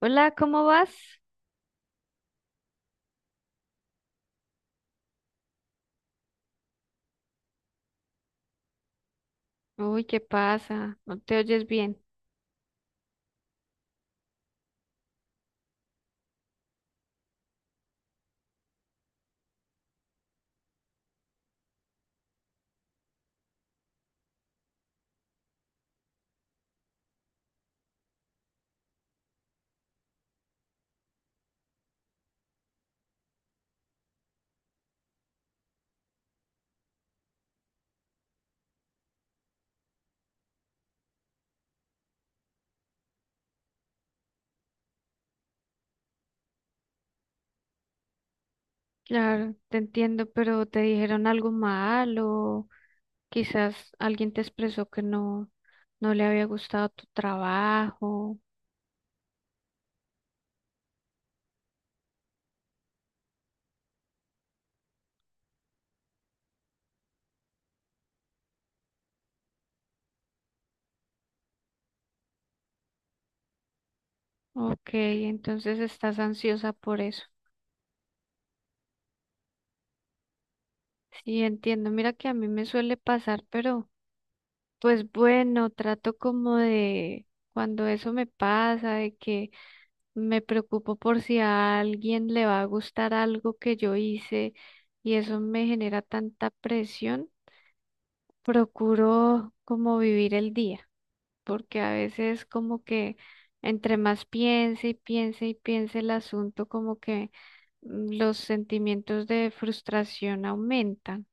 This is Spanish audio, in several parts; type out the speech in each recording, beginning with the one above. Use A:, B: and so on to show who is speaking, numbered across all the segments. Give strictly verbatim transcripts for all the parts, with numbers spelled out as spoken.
A: Hola, ¿cómo vas? Uy, ¿qué pasa? No te oyes bien. Claro, te entiendo, pero te dijeron algo malo. Quizás alguien te expresó que no, no le había gustado tu trabajo. Ok, entonces estás ansiosa por eso. Sí, entiendo. Mira que a mí me suele pasar, pero pues bueno, trato como de cuando eso me pasa, de que me preocupo por si a alguien le va a gustar algo que yo hice y eso me genera tanta presión. Procuro como vivir el día, porque a veces como que entre más piense y piense y piense el asunto, como que mm, los sentimientos de frustración aumentan.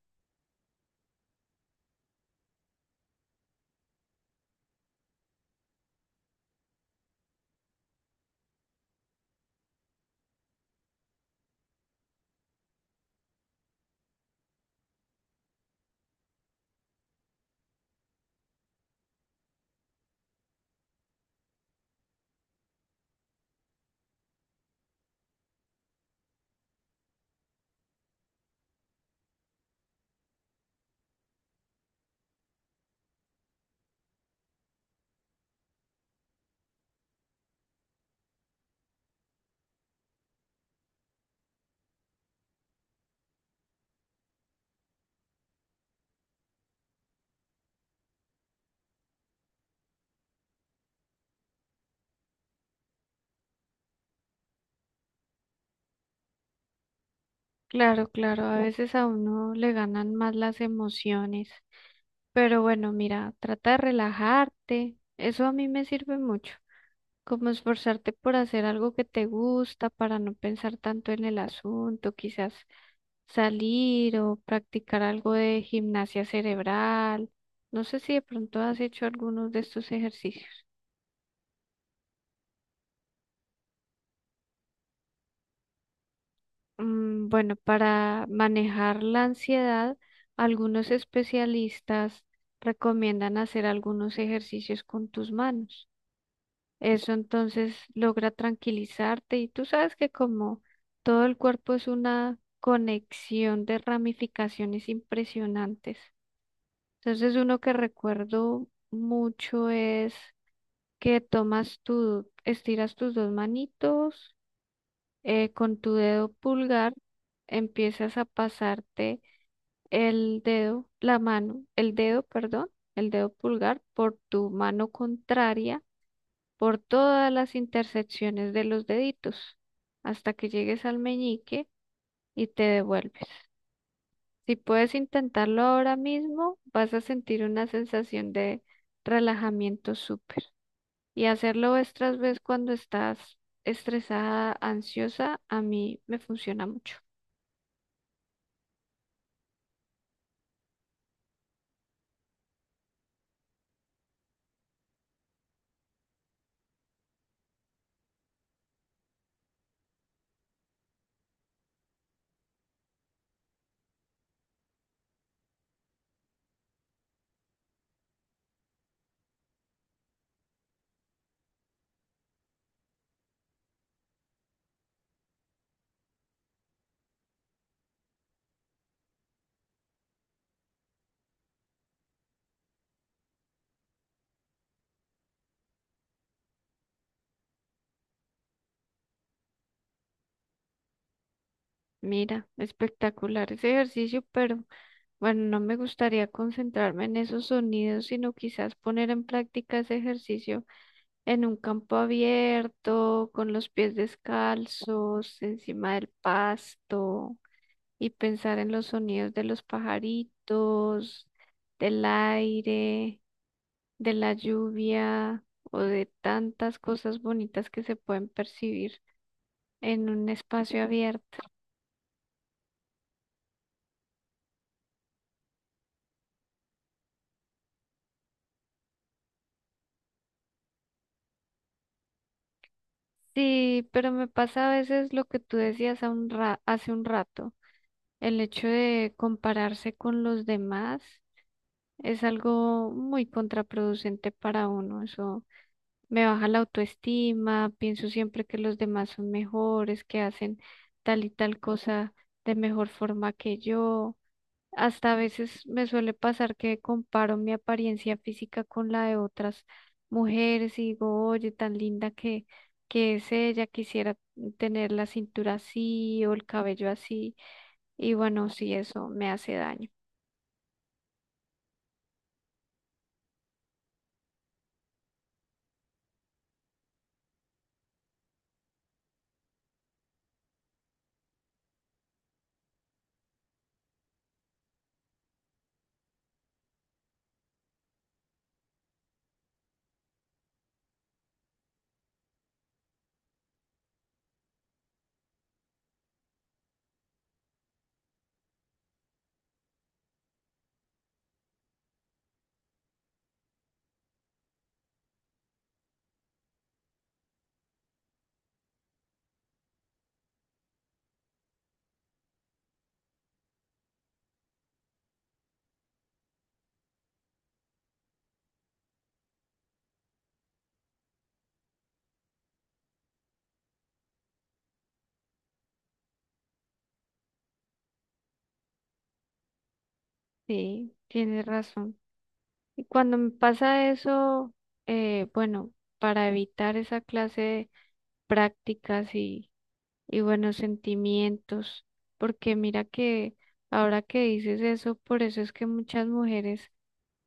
A: Claro, claro, a veces a uno le ganan más las emociones, pero bueno, mira, trata de relajarte, eso a mí me sirve mucho. Como esforzarte por hacer algo que te gusta para no pensar tanto en el asunto, quizás salir o practicar algo de gimnasia cerebral. No sé si de pronto has hecho algunos de estos ejercicios. Mm, bueno, para manejar la ansiedad, algunos especialistas recomiendan hacer algunos ejercicios con tus manos. Eso entonces logra tranquilizarte y tú sabes que como todo el cuerpo es una conexión de ramificaciones impresionantes. Entonces uno que recuerdo mucho es que tomas tu, estiras tus dos manitos eh, con tu dedo pulgar, empiezas a pasarte el dedo, la mano, el dedo, perdón, el dedo pulgar por tu mano contraria por todas las intersecciones de los deditos hasta que llegues al meñique y te devuelves. Si puedes intentarlo ahora mismo, vas a sentir una sensación de relajamiento súper. Y hacerlo otras vez cuando estás estresada, ansiosa, a mí me funciona mucho. Mira, espectacular ese ejercicio, pero bueno, no me gustaría concentrarme en esos sonidos, sino quizás poner en práctica ese ejercicio en un campo abierto, con los pies descalzos, encima del pasto, y pensar en los sonidos de los pajaritos, del aire, de la lluvia o de tantas cosas bonitas que se pueden percibir en un espacio abierto. Sí, pero me pasa a veces lo que tú decías a un ra- hace un rato, el hecho de compararse con los demás es algo muy contraproducente para uno, eso me baja la autoestima, pienso siempre que los demás son mejores, que hacen tal y tal cosa de mejor forma que yo. Hasta a veces me suele pasar que comparo mi apariencia física con la de otras mujeres y digo, oye, tan linda que, que es ella, quisiera tener la cintura así o el cabello así. Y bueno, sí, eso me hace daño. Sí, tienes razón. Y cuando me pasa eso, eh, bueno, para evitar esa clase de prácticas y, y buenos sentimientos, porque mira que ahora que dices eso, por eso es que muchas mujeres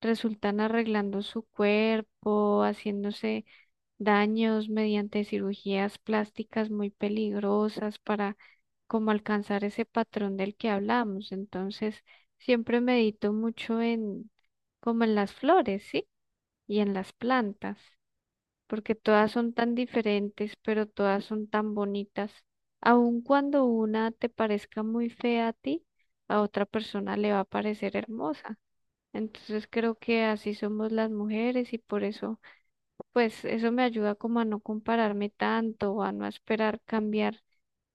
A: resultan arreglando su cuerpo, haciéndose daños mediante cirugías plásticas muy peligrosas para como alcanzar ese patrón del que hablamos. Entonces, siempre medito mucho en como en las flores, ¿sí? Y en las plantas, porque todas son tan diferentes, pero todas son tan bonitas. Aun cuando una te parezca muy fea a ti, a otra persona le va a parecer hermosa. Entonces creo que así somos las mujeres y por eso, pues eso me ayuda como a no compararme tanto, o a no esperar cambiar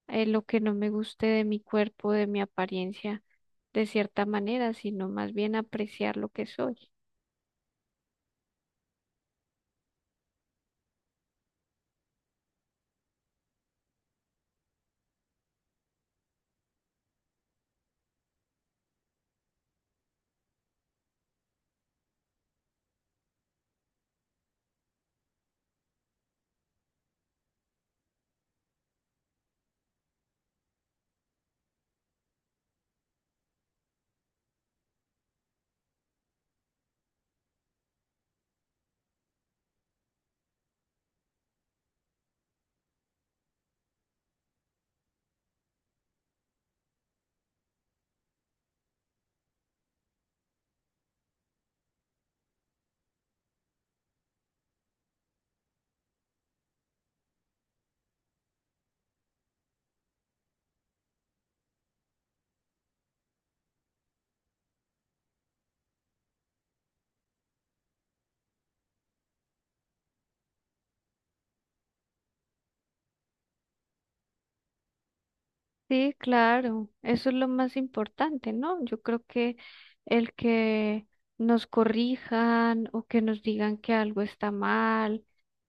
A: eh, lo que no me guste de mi cuerpo, de mi apariencia de cierta manera, sino más bien apreciar lo que soy. Sí, claro, eso es lo más importante, ¿no? Yo creo que el que nos corrijan o que nos digan que algo está mal,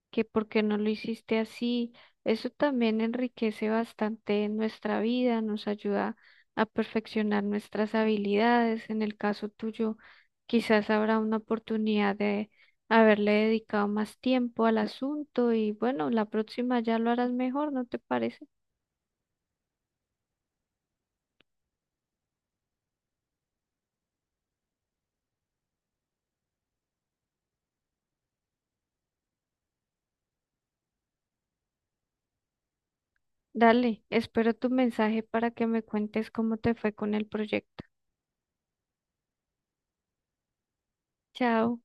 A: que por qué no lo hiciste así, eso también enriquece bastante nuestra vida, nos ayuda a perfeccionar nuestras habilidades. En el caso tuyo, quizás habrá una oportunidad de haberle dedicado más tiempo al asunto y bueno, la próxima ya lo harás mejor, ¿no te parece? Dale, espero tu mensaje para que me cuentes cómo te fue con el proyecto. Chao.